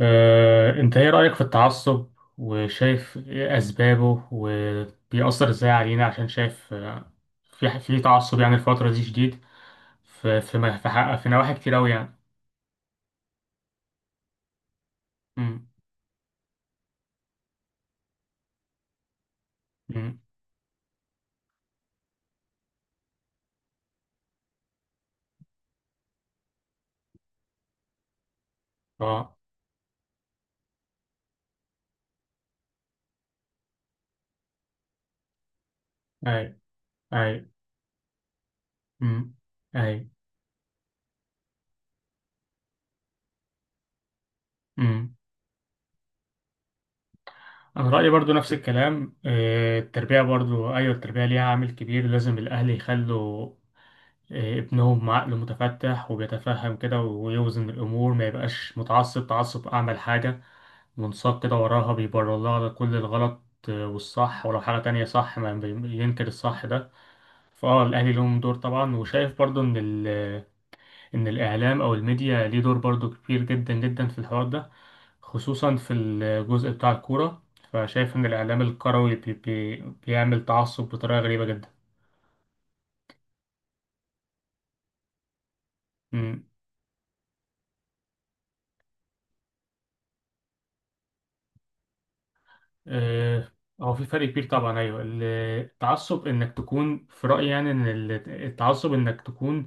انت ايه رأيك في التعصب؟ وشايف ايه اسبابه وبيأثر ازاي علينا؟ عشان شايف في تعصب يعني الفترة دي شديد في في م- في, حق- في نواحي كتير قوي يعني. امم. امم. اه. اي. اي. امم. اي. امم. انا رأيي برضو نفس الكلام. التربية برضو، ايوه التربية ليها عامل كبير. لازم الاهل يخلوا ابنهم عقله متفتح، وبيتفهم كده ويوزن الامور، ما يبقاش متعصب تعصب اعمل حاجة منساق كده وراها بيبرر لها على كل الغلط والصح. ولو حاجة تانية صح ما بي- ينكر الصح ده. فاه الأهلي لهم دور طبعا، وشايف برضو إن إن الإعلام أو الميديا ليه دور برضو كبير جدا جدا في الحوار ده، خصوصا في الجزء بتاع الكورة. فشايف إن الإعلام الكروي بي بي بيعمل تعصب بطريقة غريبة جدا. مم. آه، هو في فرق كبير طبعا. أيوه، التعصب إنك تكون في رأيي يعني إن التعصب إنك تكون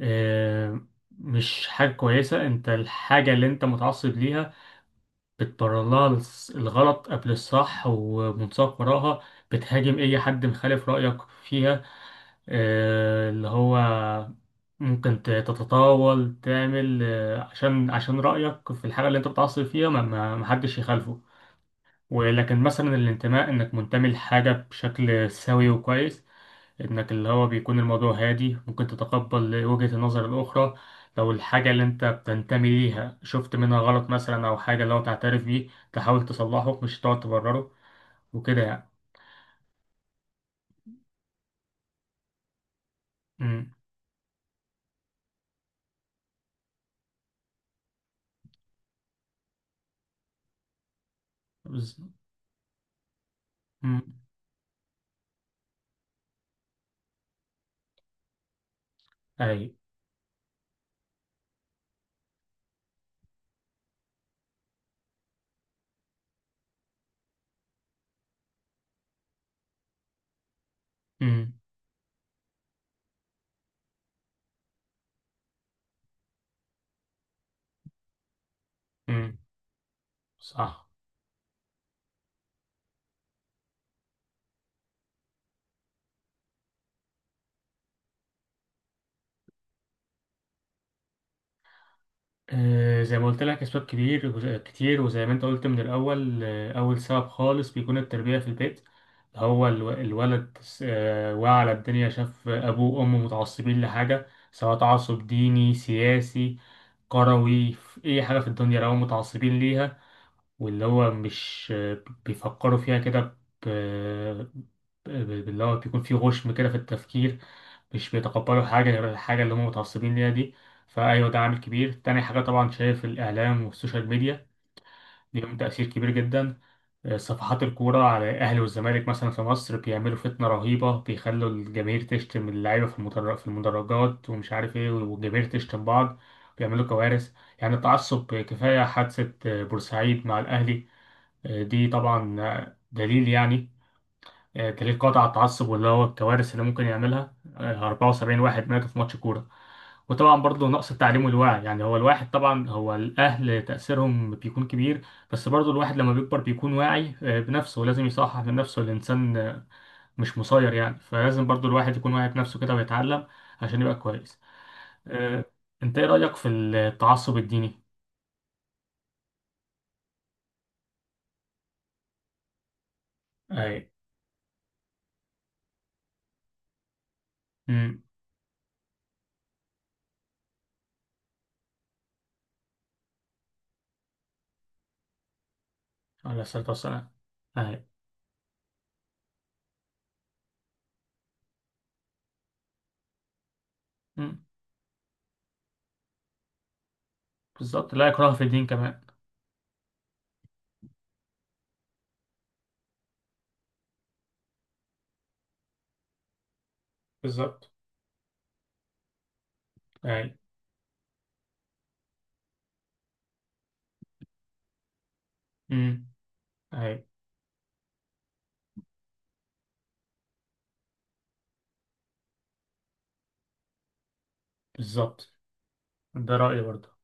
آه، مش حاجة كويسة. انت الحاجة اللي انت متعصب ليها بتبرر لها الغلط قبل الصح ومنساق وراها. بتهاجم اي حد مخالف رأيك فيها، اللي هو ممكن تتطاول تعمل عشان رأيك في الحاجة اللي انت متعصب فيها ما حدش يخالفه. ولكن مثلا الانتماء، انك منتمي لحاجة بشكل سوي وكويس، انك اللي هو بيكون الموضوع هادي، ممكن تتقبل وجهة النظر الأخرى. لو الحاجة اللي انت بتنتمي ليها شفت منها غلط مثلا، أو حاجة اللي هو تعترف بيه تحاول تصلحه، مش تقعد تبرره وكده يعني. امم. بز- امم. أي. امم. امم. صح. زي ما قلت لك اسباب كبير كتير، وزي ما انت قلت من الاول، اول سبب خالص بيكون التربيه في البيت. هو الولد وعى على الدنيا، شاف ابوه وامه متعصبين لحاجه، سواء تعصب ديني، سياسي، كروي، في اي حاجه في الدنيا لو هم متعصبين ليها، واللي هو مش بيفكروا فيها كده. ب... ب- اللي هو بيكون فيه غشم كده في التفكير، مش بيتقبلوا حاجة غير الحاجة اللي هم متعصبين ليها دي. فأيوة ده عامل كبير. تاني حاجة، طبعا شايف الإعلام والسوشيال ميديا ليهم تأثير كبير جدا. صفحات الكورة على الأهلي والزمالك مثلا في مصر بيعملوا فتنة رهيبة، بيخلوا الجماهير تشتم اللعيبة في المدرجات ومش عارف إيه، والجماهير تشتم بعض. بيعملوا كوارث. يعني التعصب، كفاية حادثة بورسعيد مع الأهلي. دي طبعا دليل، يعني دليل قاطع على التعصب، واللي هو الكوارث اللي ممكن يعملها. 74 واحد ماتوا في ماتش كورة. وطبعا برضه نقص التعليم والوعي، يعني هو الواحد طبعا، هو الأهل تأثيرهم بيكون كبير. بس برضه الواحد لما بيكبر بيكون واعي بنفسه، ولازم يصحح من نفسه. الإنسان مش مسير يعني. فلازم برضه الواحد يكون واعي بنفسه كده ويتعلم عشان يبقى كويس. آه، أنت إيه رأيك في التعصب الديني؟ أي. أمم. عليه الصلاة والسلام. أي. بالظبط، لا إكراه في الدين كمان. بالظبط. أي. امم. أي. بالظبط، ده رأيي برضه.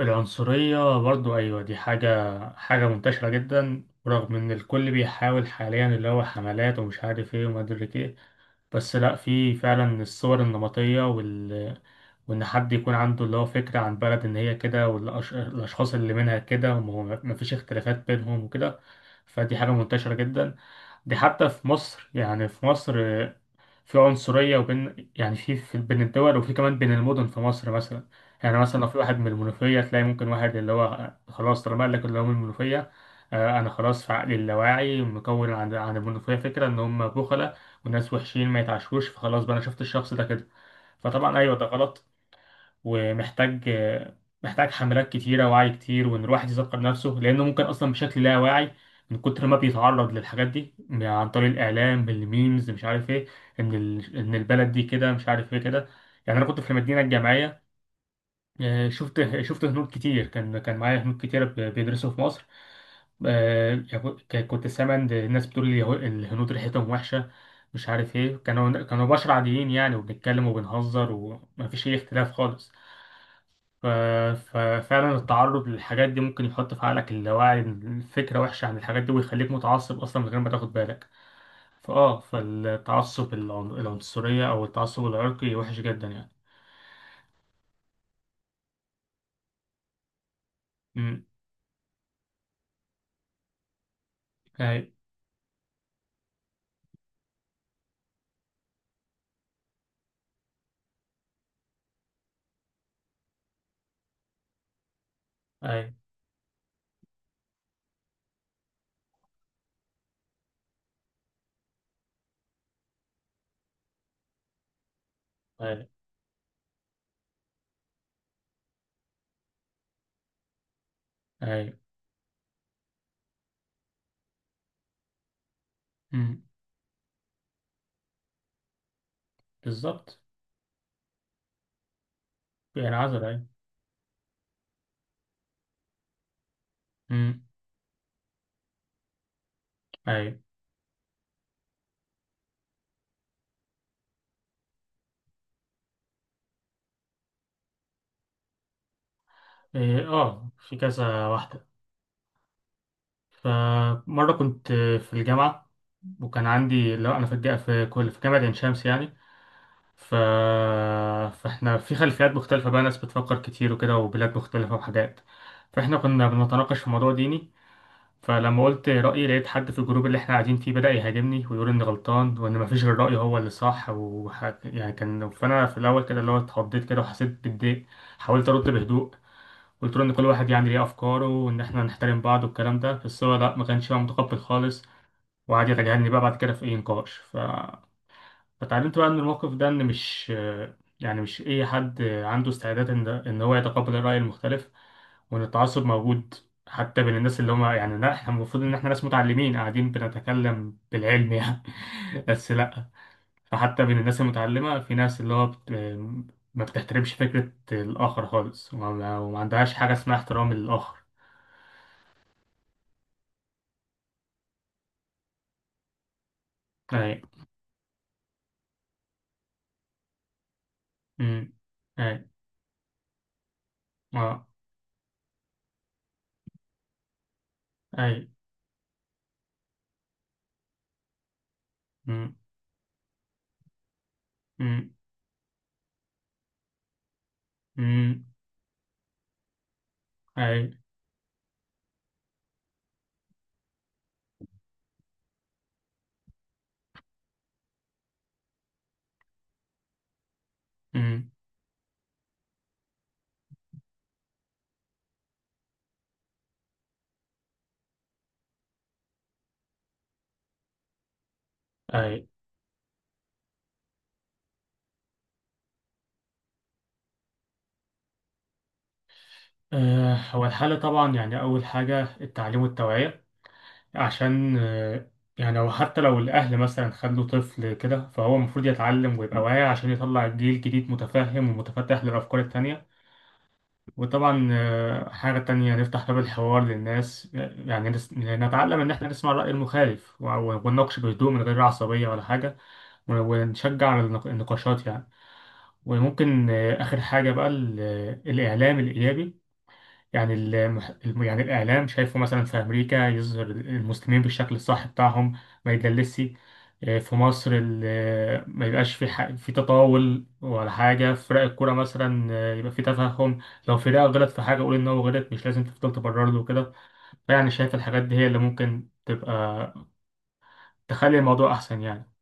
العنصرية برضه، أيوة دي حاجة منتشرة جدا رغم إن الكل بيحاول حاليا اللي هو حملات ومش عارف إيه وما أدري إيه. بس لأ، في فعلا الصور النمطية وإن حد يكون عنده اللي هو فكرة عن بلد إن هي كده، والأشخاص اللي منها كده وما فيش اختلافات بينهم وكده. فدي حاجة منتشرة جدا. دي حتى في مصر، يعني في مصر في عنصرية، وبين يعني بين الدول، وفي كمان بين المدن في مصر مثلا. يعني مثلا لو في واحد من المنوفية، تلاقي ممكن واحد اللي هو خلاص طالما قال لك اللي هو من المنوفية، أنا خلاص في عقلي اللاواعي مكون عن المنوفية فكرة إن هم بخلة وناس وحشين ما يتعشروش، فخلاص بقى أنا شفت الشخص ده كده. فطبعا أيوه ده غلط ومحتاج. حملات كتيرة، وعي كتير، وإن الواحد يذكر نفسه لأنه ممكن أصلا بشكل لا واعي من كتر ما بيتعرض للحاجات دي عن طريق الإعلام بالميمز، مش عارف إيه، إن إن البلد دي كده مش عارف إيه كده. يعني أنا كنت في المدينة الجامعية، شفت هنود كتير، كان معايا هنود كتيرة بيدرسوا في مصر. آه، كنت سامع إن الناس بتقول لي الهنود ريحتهم وحشة، مش عارف إيه. كانوا بشر عاديين يعني، وبنتكلم وبنهزر ومفيش أي اختلاف خالص. ف- ففعلا التعرض للحاجات دي ممكن يحط في عقلك اللاواعي فكرة وحشة عن الحاجات دي، ويخليك متعصب أصلا من غير ما تاخد بالك. فالتعصب العنصرية أو التعصب العرقي وحش جدا يعني. أمم. أي. أي. أي. أي. أمم. بالظبط يعني عذر. أي. أمم. أي. إيه، في كذا واحدة. فمرة كنت في الجامعة، وكان عندي لا، أنا في الجامعة في كل في جامعة عين شمس يعني. ف... فاحنا في خلفيات مختلفة بقى، ناس بتفكر كتير وكده، وبلاد مختلفة وحاجات. فاحنا كنا بنتناقش في موضوع ديني. فلما قلت رأيي، لقيت حد في الجروب اللي احنا قاعدين فيه بدأ يهاجمني ويقول إني غلطان، وإن مفيش غير رأيي هو اللي صح يعني كان. فأنا في الأول كده اللي هو اتخضيت كده وحسيت بالضيق. حاولت أرد بهدوء، قلت له إن كل واحد يعني ليه أفكاره، وإن احنا نحترم بعض والكلام ده. بس هو لأ، ما كانش بقى متقبل خالص. وقعد يتجاهلني بقى بعد كده في أي نقاش. فتعلمت بقى من الموقف ده ان مش، اي حد عنده استعداد ان هو يتقبل الرأي المختلف. وان التعصب موجود حتى بين الناس اللي هم يعني، لا احنا المفروض ان احنا ناس متعلمين قاعدين بنتكلم بالعلم يعني. بس لا. فحتى بين الناس المتعلمة في ناس اللي هو ما بتحترمش فكرة الآخر خالص، وما عندهاش حاجة اسمها احترام للآخر. أي. أمم. أي. أه. أي. أمم. أمم. أمم. أي. أمم. أي. هو الحل طبعا يعني، أول حاجة التعليم والتوعية. عشان يعني هو حتى لو الأهل مثلا خلوا طفل كده، فهو المفروض يتعلم ويبقى واعي عشان يطلع جيل جديد متفهم ومتفتح للأفكار التانية. وطبعا حاجة تانية، نفتح باب الحوار للناس، يعني نتعلم إن إحنا نسمع الرأي المخالف ونناقش بهدوء من غير عصبية ولا حاجة، ونشجع على النقاشات يعني. وممكن آخر حاجة بقى الإعلام الإيجابي. يعني الإعلام شايفه مثلا في أمريكا يظهر المسلمين بالشكل الصح بتاعهم، ما يدلسش. في مصر ما يبقاش في تطاول ولا حاجة في فرق الكورة مثلا. يبقى في تفهم. لو فرقة غلط في حاجة، قول إن هو غلط، مش لازم تفضل تبرر له كده. فيعني شايف الحاجات دي هي اللي ممكن تبقى تخلي الموضوع أحسن يعني.